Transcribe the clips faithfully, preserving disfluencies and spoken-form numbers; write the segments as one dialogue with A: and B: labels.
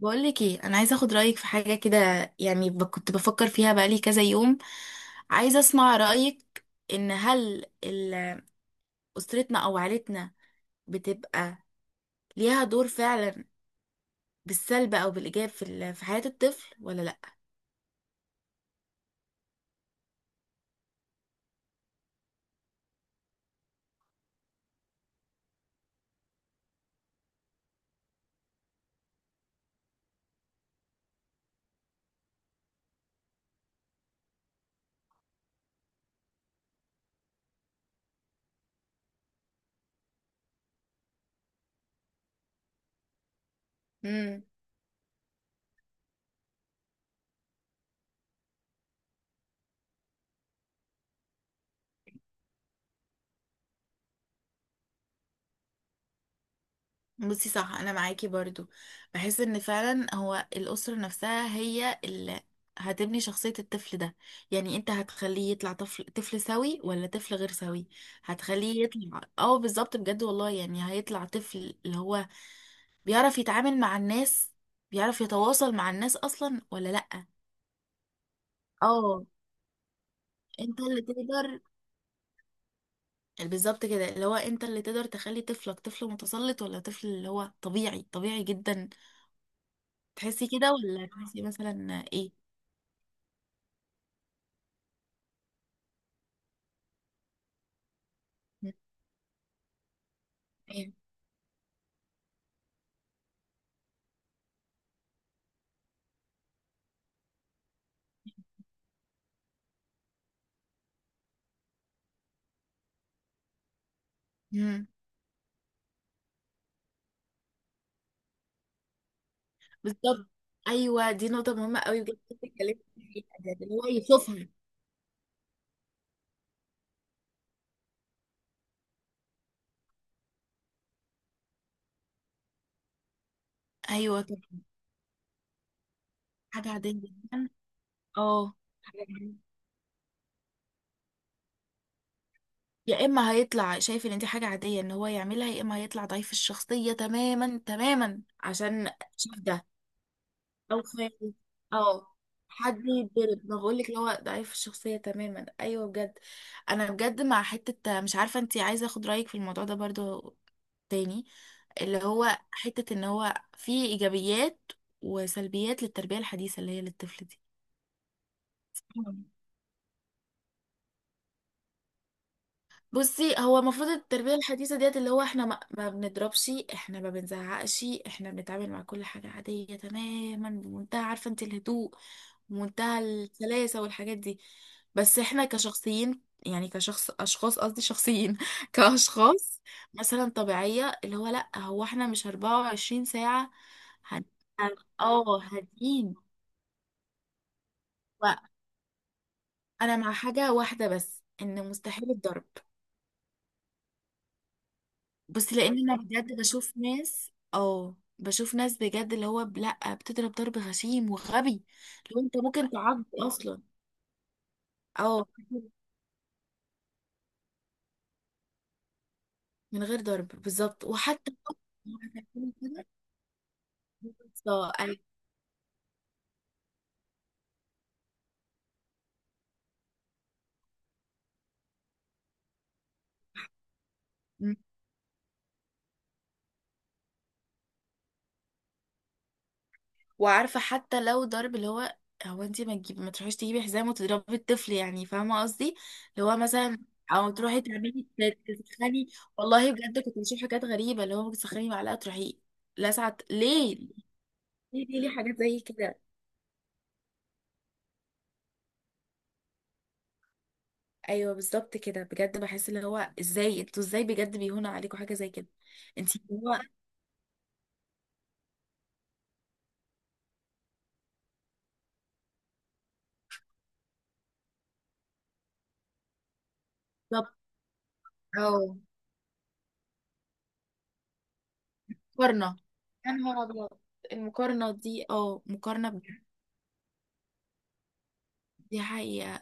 A: بقولك ايه انا عايزه اخد رايك في حاجه كده. يعني ب- كنت بفكر فيها بقالي كذا يوم. عايزه اسمع رايك، ان هل ال- اسرتنا او عائلتنا بتبقى ليها دور فعلا بالسلب او بالايجاب في ال- في حياه الطفل ولا لا. بصي، صح، انا معاكي برضو. بحس ان فعلا هو الاسره نفسها هي اللي هتبني شخصيه الطفل ده. يعني انت هتخليه يطلع طفل طفل سوي ولا طفل غير سوي. هتخليه يطلع، اه بالظبط، بجد والله يعني هيطلع طفل اللي هو بيعرف يتعامل مع الناس، بيعرف يتواصل مع الناس اصلا ولا لا. اه، انت اللي تقدر. بالظبط كده، اللي هو انت اللي تقدر تخلي طفلك طفل متسلط ولا طفل اللي هو طبيعي، طبيعي جدا. تحسي كده ولا تحسي مثلا ايه؟ تمام. مم. بالظبط، ايوه، دي نقطه مهمه قوي بجد كنت اتكلمت فيها، ده اللي هو يشوفها. ايوه، طب، حاجه عاديه جدا. اه حاجة عادية. يا اما هيطلع شايف ان دي حاجه عاديه ان هو يعملها، يا اما هيطلع ضعيف الشخصيه تماما، تماما، عشان شاف ده، او خالي اه حد يتضرب. ما بقولك اللي هو ضعيف الشخصيه تماما، ايوه بجد. انا بجد مع حته مش عارفه، انتي عايزه اخد رايك في الموضوع ده برضو تاني، اللي هو حته ان هو في ايجابيات وسلبيات للتربيه الحديثه اللي هي للطفل دي. بصي، هو المفروض التربية الحديثة ديت اللي هو احنا ما, ما بنضربش، احنا ما بنزعقش، احنا بنتعامل مع كل حاجة عادية تماما، بمنتهى، عارفة انت، الهدوء ومنتهى السلاسة والحاجات دي. بس احنا كشخصيين، يعني كشخص اشخاص قصدي شخصيين كاشخاص مثلا طبيعية، اللي هو لا، هو احنا مش أربعة وعشرين ساعة هن- هن- اه هادين. وانا مع حاجة واحدة بس، ان مستحيل الضرب. بس لان انا بجد بشوف ناس اه بشوف ناس بجد اللي هو ب- لا، بتضرب ضرب غشيم وغبي. لو انت ممكن تعض اصلا، اه من غير ضرب بالظبط. وحتى لو هتعملي كده، بالظبط. أيوة. مم. وعارفه، حتى لو ضرب اللي هو هو انت ما تجيبي، ما تروحيش تجيبي حزام وتضربي الطفل يعني، فاهمه قصدي. اللي هو مثلا او تروحي تعملي، تسخني. والله بجد كنت بشوف حاجات غريبه، اللي هو ممكن تسخني معلقه تروحي لسعت ليه. ليه، ليه، ليه، حاجات زي كده؟ ايوه، بالظبط كده بجد، بحس اللي هو ازاي انتوا، ازاي بجد بيهونوا عليكم حاجه زي كده. انت هو بالظبط. اه مقارنه. يا نهار ابيض. المقارنه دي، اه مقارنه بجد، دي حقيقه.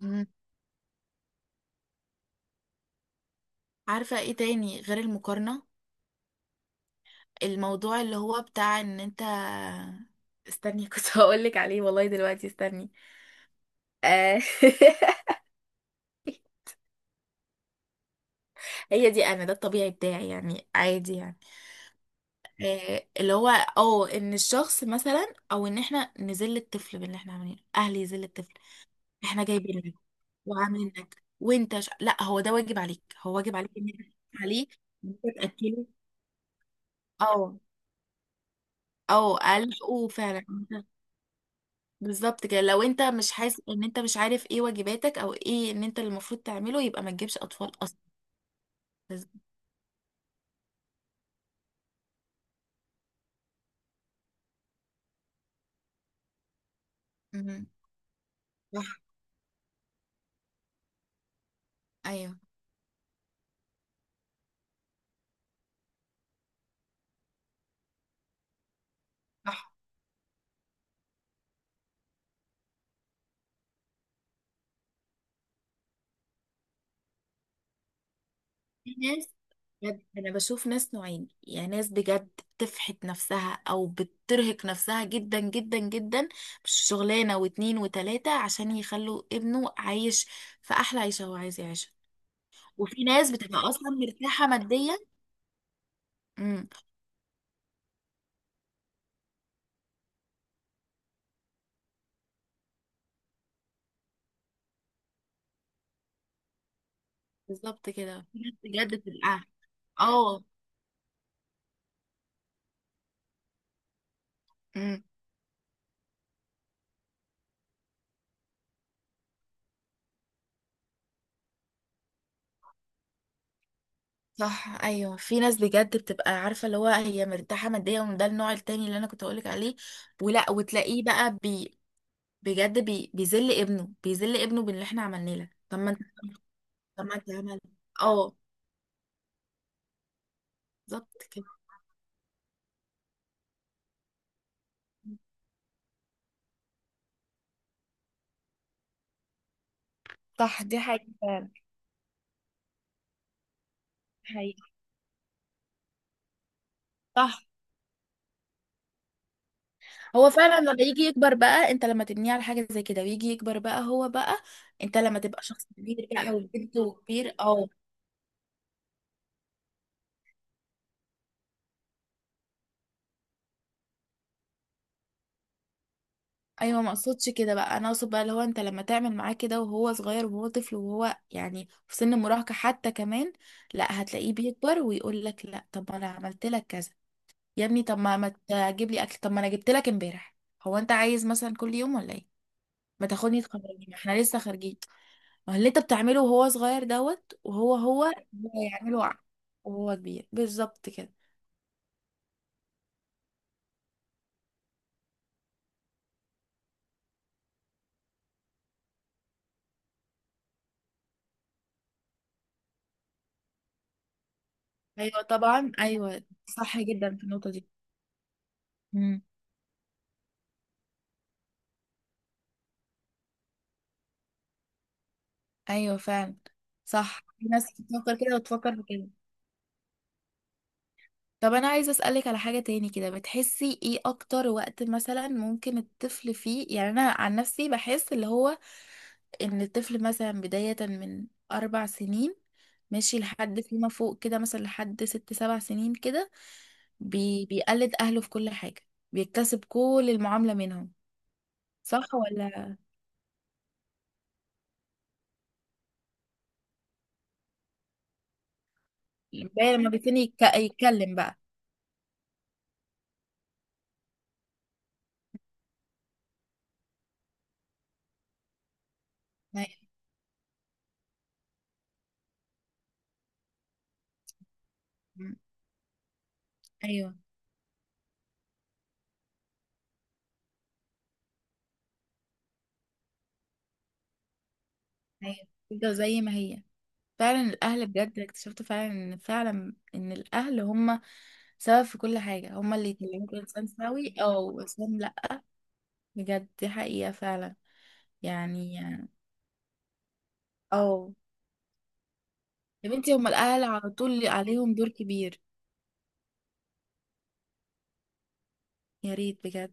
A: مم. عارفه ايه تاني غير المقارنه؟ الموضوع اللي هو بتاع ان انت، استني كنت هقول لك عليه والله، دلوقتي استني. آه. هي دي انا، ده الطبيعي بتاعي يعني عادي يعني. آه، اللي هو اه ان الشخص مثلا او ان احنا نذل الطفل باللي احنا عاملينه، اهل يذل الطفل. احنا جايبينك وعاملين لك وانت ش... لا، هو ده واجب عليك، هو واجب عليك ان انت تدوس عليه، ان انت تاكله. اه اه الحقه فعلا انت- بالظبط كده، لو انت مش حاسس ان انت مش عارف ايه واجباتك، او ايه ان انت اللي المفروض تعمله، يبقى ما تجيبش اطفال اصلا. مهم. صح. ايوه. صح. في ناس بجد، انا بشوف ناس نوعين يعني، ناس بجد بتفحت نفسها او بترهق نفسها جدا، جدا، جدا، مش شغلانه واتنين وتلاته عشان يخلوا ابنه عايش في احلى عيشه هو عايز يعيشها. وفي ناس بتبقى اصلا مرتاحه ماديا. امم بالظبط كده. في ناس بجد بتبقى اه امم صح، ايوه. في ناس بجد بتبقى عارفه اللي هو هي مرتاحه ماديا، وده النوع التاني اللي انا كنت اقولك عليه. ولا وتلاقيه بقى بي بجد بي... بيذل ابنه بيذل ابنه باللي احنا عملناه لك. طب ما انت طب ما انت عمل. اه بالظبط كده. صح، دي حقيقة فعلا. حقيقة. صح. هو فعلا لما يجي يكبر بقى، انت لما تبنيه على حاجه زي كده ويجي يكبر بقى، هو بقى انت لما تبقى شخص كبير بقى وجد وكبير، اه. ايوه، ما اقصدش كده بقى، انا اقصد بقى اللي هو انت لما تعمل معاه كده وهو صغير وهو طفل وهو يعني في سن المراهقه حتى كمان، لا، هتلاقيه بيكبر ويقول لك لا، طب ما انا عملت لك كذا يا ابني. طب ما ما تجيب لي اكل، طب ما انا جبت لك امبارح. هو انت عايز مثلا كل يوم ولا ايه؟ ما تاخدني تخرجني، ما احنا لسه خارجين. ما هو اللي انت بتعمله وهو صغير دوت، وهو هو هو يعمله ع- وهو كبير بالظبط كده. ايوه، طبعا، ايوه. صح جدا في النقطه دي. امم، ايوه فعلا. صح، في ناس بتفكر كده وتفكر في كده. طب انا عايزه اسالك على حاجه تاني كده، بتحسي ايه اكتر وقت مثلا ممكن الطفل فيه؟ يعني انا عن نفسي بحس اللي هو ان الطفل مثلا بدايه من اربع سنين ماشي لحد فيما فوق كده، مثلا لحد ست سبع سنين كده، بي بيقلد اهله في كل حاجه، بيكتسب كل المعامله منهم، صح ولا؟ بقى لما بيبتدي يتك- يتكلم بقى. أيوه، أيوه، أيوه. كده زي ما هي فعلا الاهل، بجد اكتشفت فعلا ان فعلا ان الاهل هم سبب في كل حاجه، هم اللي يطلعوك انسان سوي او انسان لا. بجد دي حقيقه فعلا. يعني اه يا بنتي، هم الاهل على طول عليهم دور كبير. يا ريت بجد